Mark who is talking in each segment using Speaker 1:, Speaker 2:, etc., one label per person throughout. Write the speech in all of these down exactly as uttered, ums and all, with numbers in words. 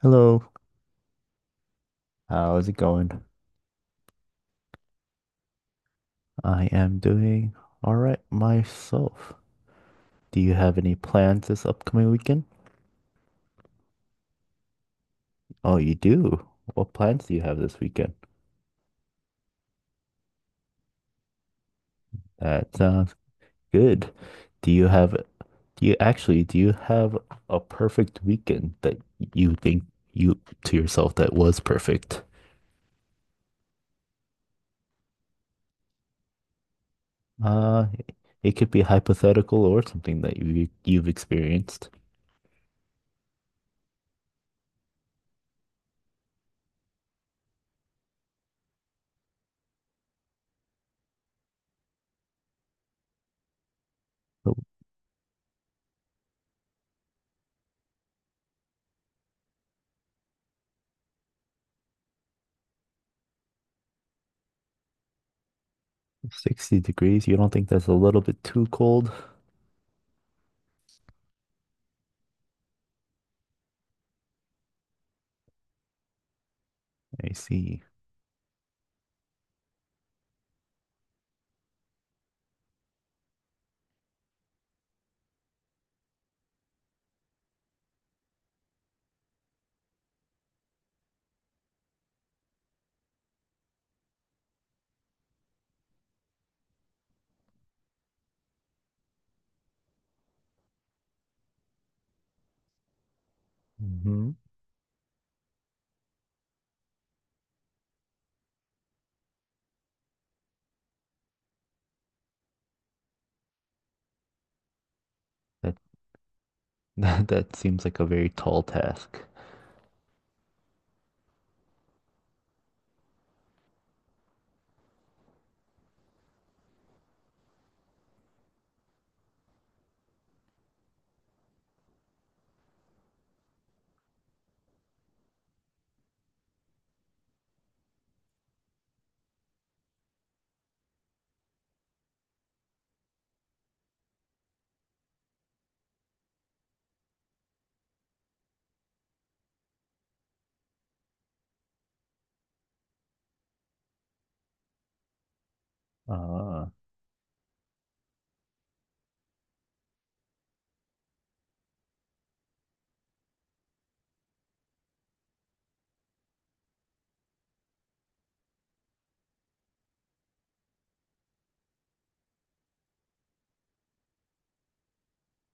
Speaker 1: Hello, how's it going? I am doing all right myself. Do you have any plans this upcoming weekend? Oh, you do. What plans do you have this weekend? That sounds good. Do you have, do you actually, do you have a perfect weekend that you think you to yourself that was perfect? Uh, it could be hypothetical or something that you you've experienced. sixty degrees. You don't think that's a little bit too cold? I see. hmm That that seems like a very tall task. Ah,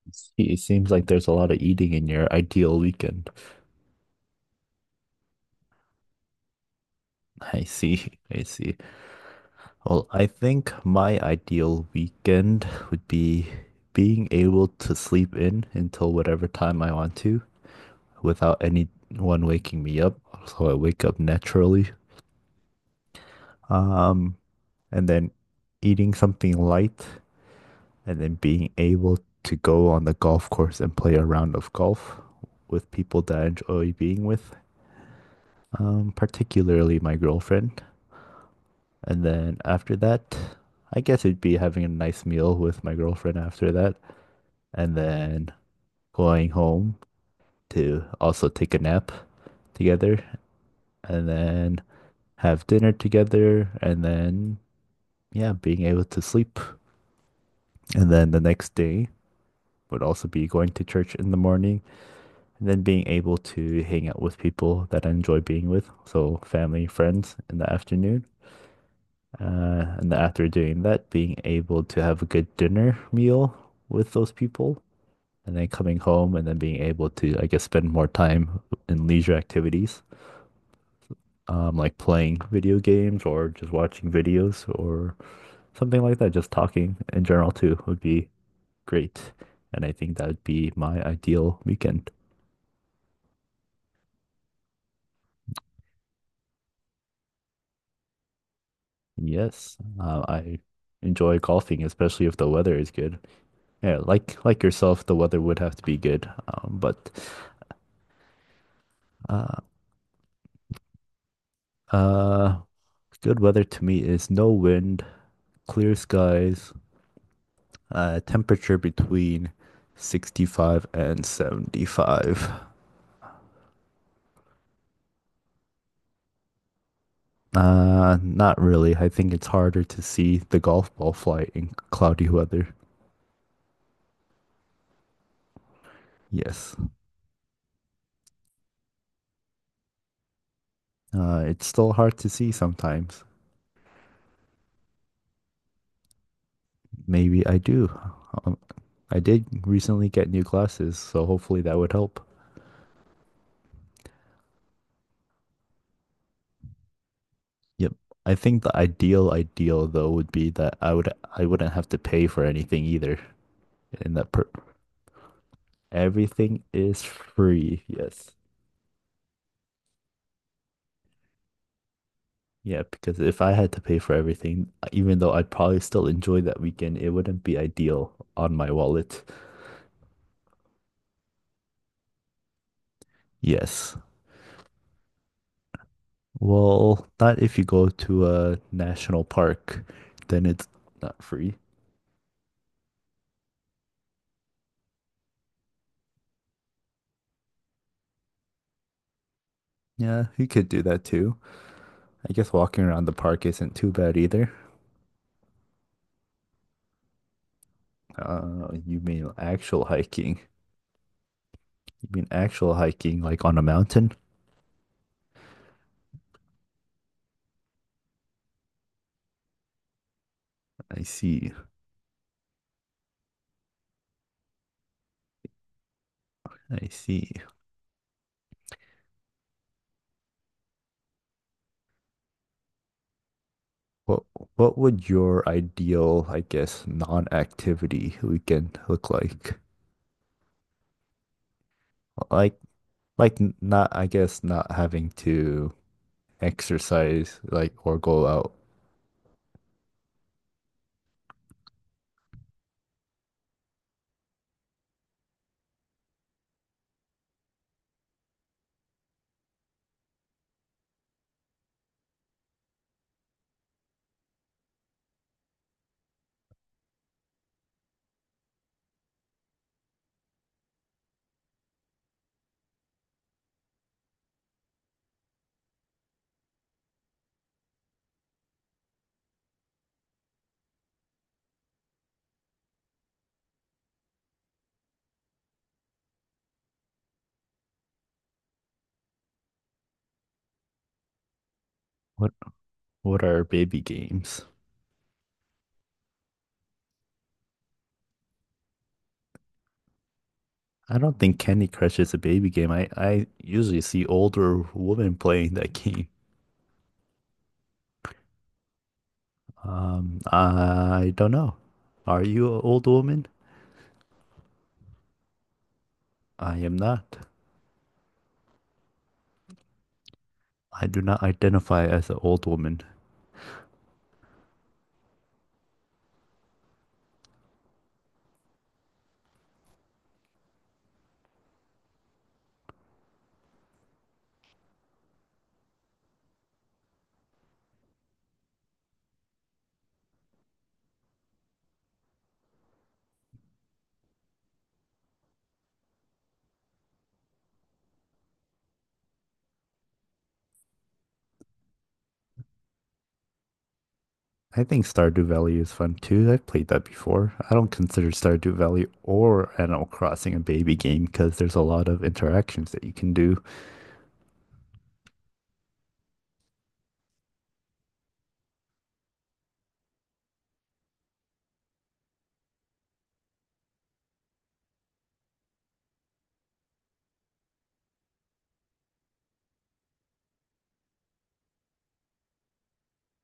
Speaker 1: I see. It seems like there's a lot of eating in your ideal weekend. I see. I see. Well, I think my ideal weekend would be being able to sleep in until whatever time I want to without anyone waking me up. So I wake up naturally. Um, and then eating something light and then being able to go on the golf course and play a round of golf with people that I enjoy being with, um, particularly my girlfriend. And then after that, I guess it'd be having a nice meal with my girlfriend after that, and then going home to also take a nap together, and then have dinner together, and then, yeah, being able to sleep. And then the next day would also be going to church in the morning and then being able to hang out with people that I enjoy being with, so family, friends in the afternoon. Uh, and then after doing that, being able to have a good dinner meal with those people, and then coming home and then being able to, I guess, spend more time in leisure activities, um, like playing video games or just watching videos or something like that. Just talking in general too would be great. And I think that would be my ideal weekend. Yes, uh, I enjoy golfing, especially if the weather is good. Yeah, like like yourself, the weather would have to be good. Um, but uh, uh, good weather to me is no wind, clear skies, uh, temperature between sixty-five and seventy-five. Uh, not really. I think it's harder to see the golf ball fly in cloudy weather. Yes. Uh, it's still hard to see sometimes. Maybe I do. Um, I did recently get new glasses, so hopefully that would help. Yep. I think the ideal ideal though would be that I would I wouldn't have to pay for anything either. And that per Everything is free. Yes. Yeah, because if I had to pay for everything, even though I'd probably still enjoy that weekend, it wouldn't be ideal on my wallet. Yes. Well, not if you go to a national park, then it's not free. Yeah, you could do that too. I guess walking around the park isn't too bad either. Uh, you mean actual hiking? You mean actual hiking, like on a mountain? I see. I see. What what would your ideal, I guess, non-activity weekend look like? Like like n- Not, I guess, not having to exercise, like or go out. What what are baby games? I don't think Candy Crush is a baby game. I I usually see older women playing that game. Um, I don't know. Are you an old woman? I am not. I do not identify as an old woman. I think Stardew Valley is fun too. I've played that before. I don't consider Stardew Valley or Animal Crossing a baby game because there's a lot of interactions that you can do.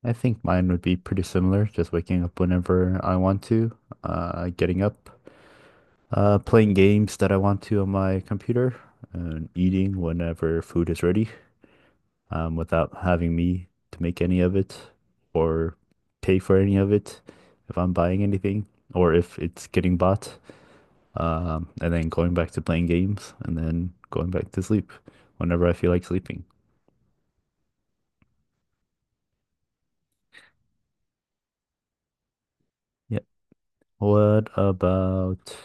Speaker 1: I think mine would be pretty similar, just waking up whenever I want to, uh, getting up, uh, playing games that I want to on my computer, and eating whenever food is ready. Um, without having me to make any of it or pay for any of it if I'm buying anything or if it's getting bought. Um, and then going back to playing games and then going back to sleep whenever I feel like sleeping. Yeah. What about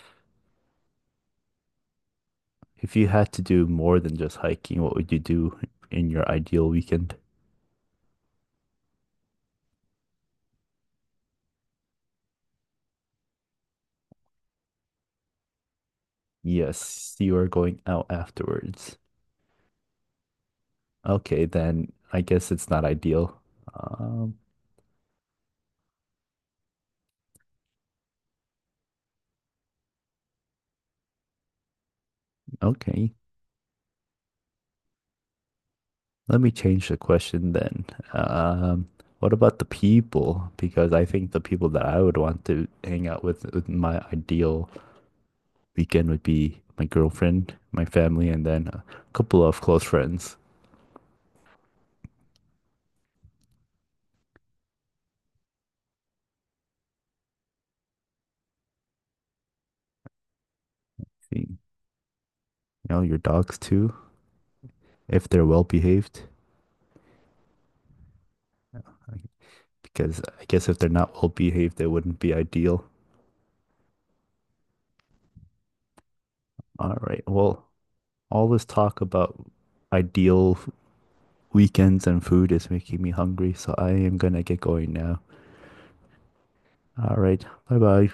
Speaker 1: if you had to do more than just hiking, what would you do in your ideal weekend? Yes, you are going out afterwards. Okay, then I guess it's not ideal. Um, okay. Let me change the question then. Um, what about the people? Because I think the people that I would want to hang out with, with my ideal weekend would be my girlfriend, my family, and then a couple of close friends. You know, your dogs too, if they're well behaved. Because I guess if they're not well behaved, they wouldn't be ideal. All right. Well, all this talk about ideal weekends and food is making me hungry, so I am gonna get going now. All right. Bye bye.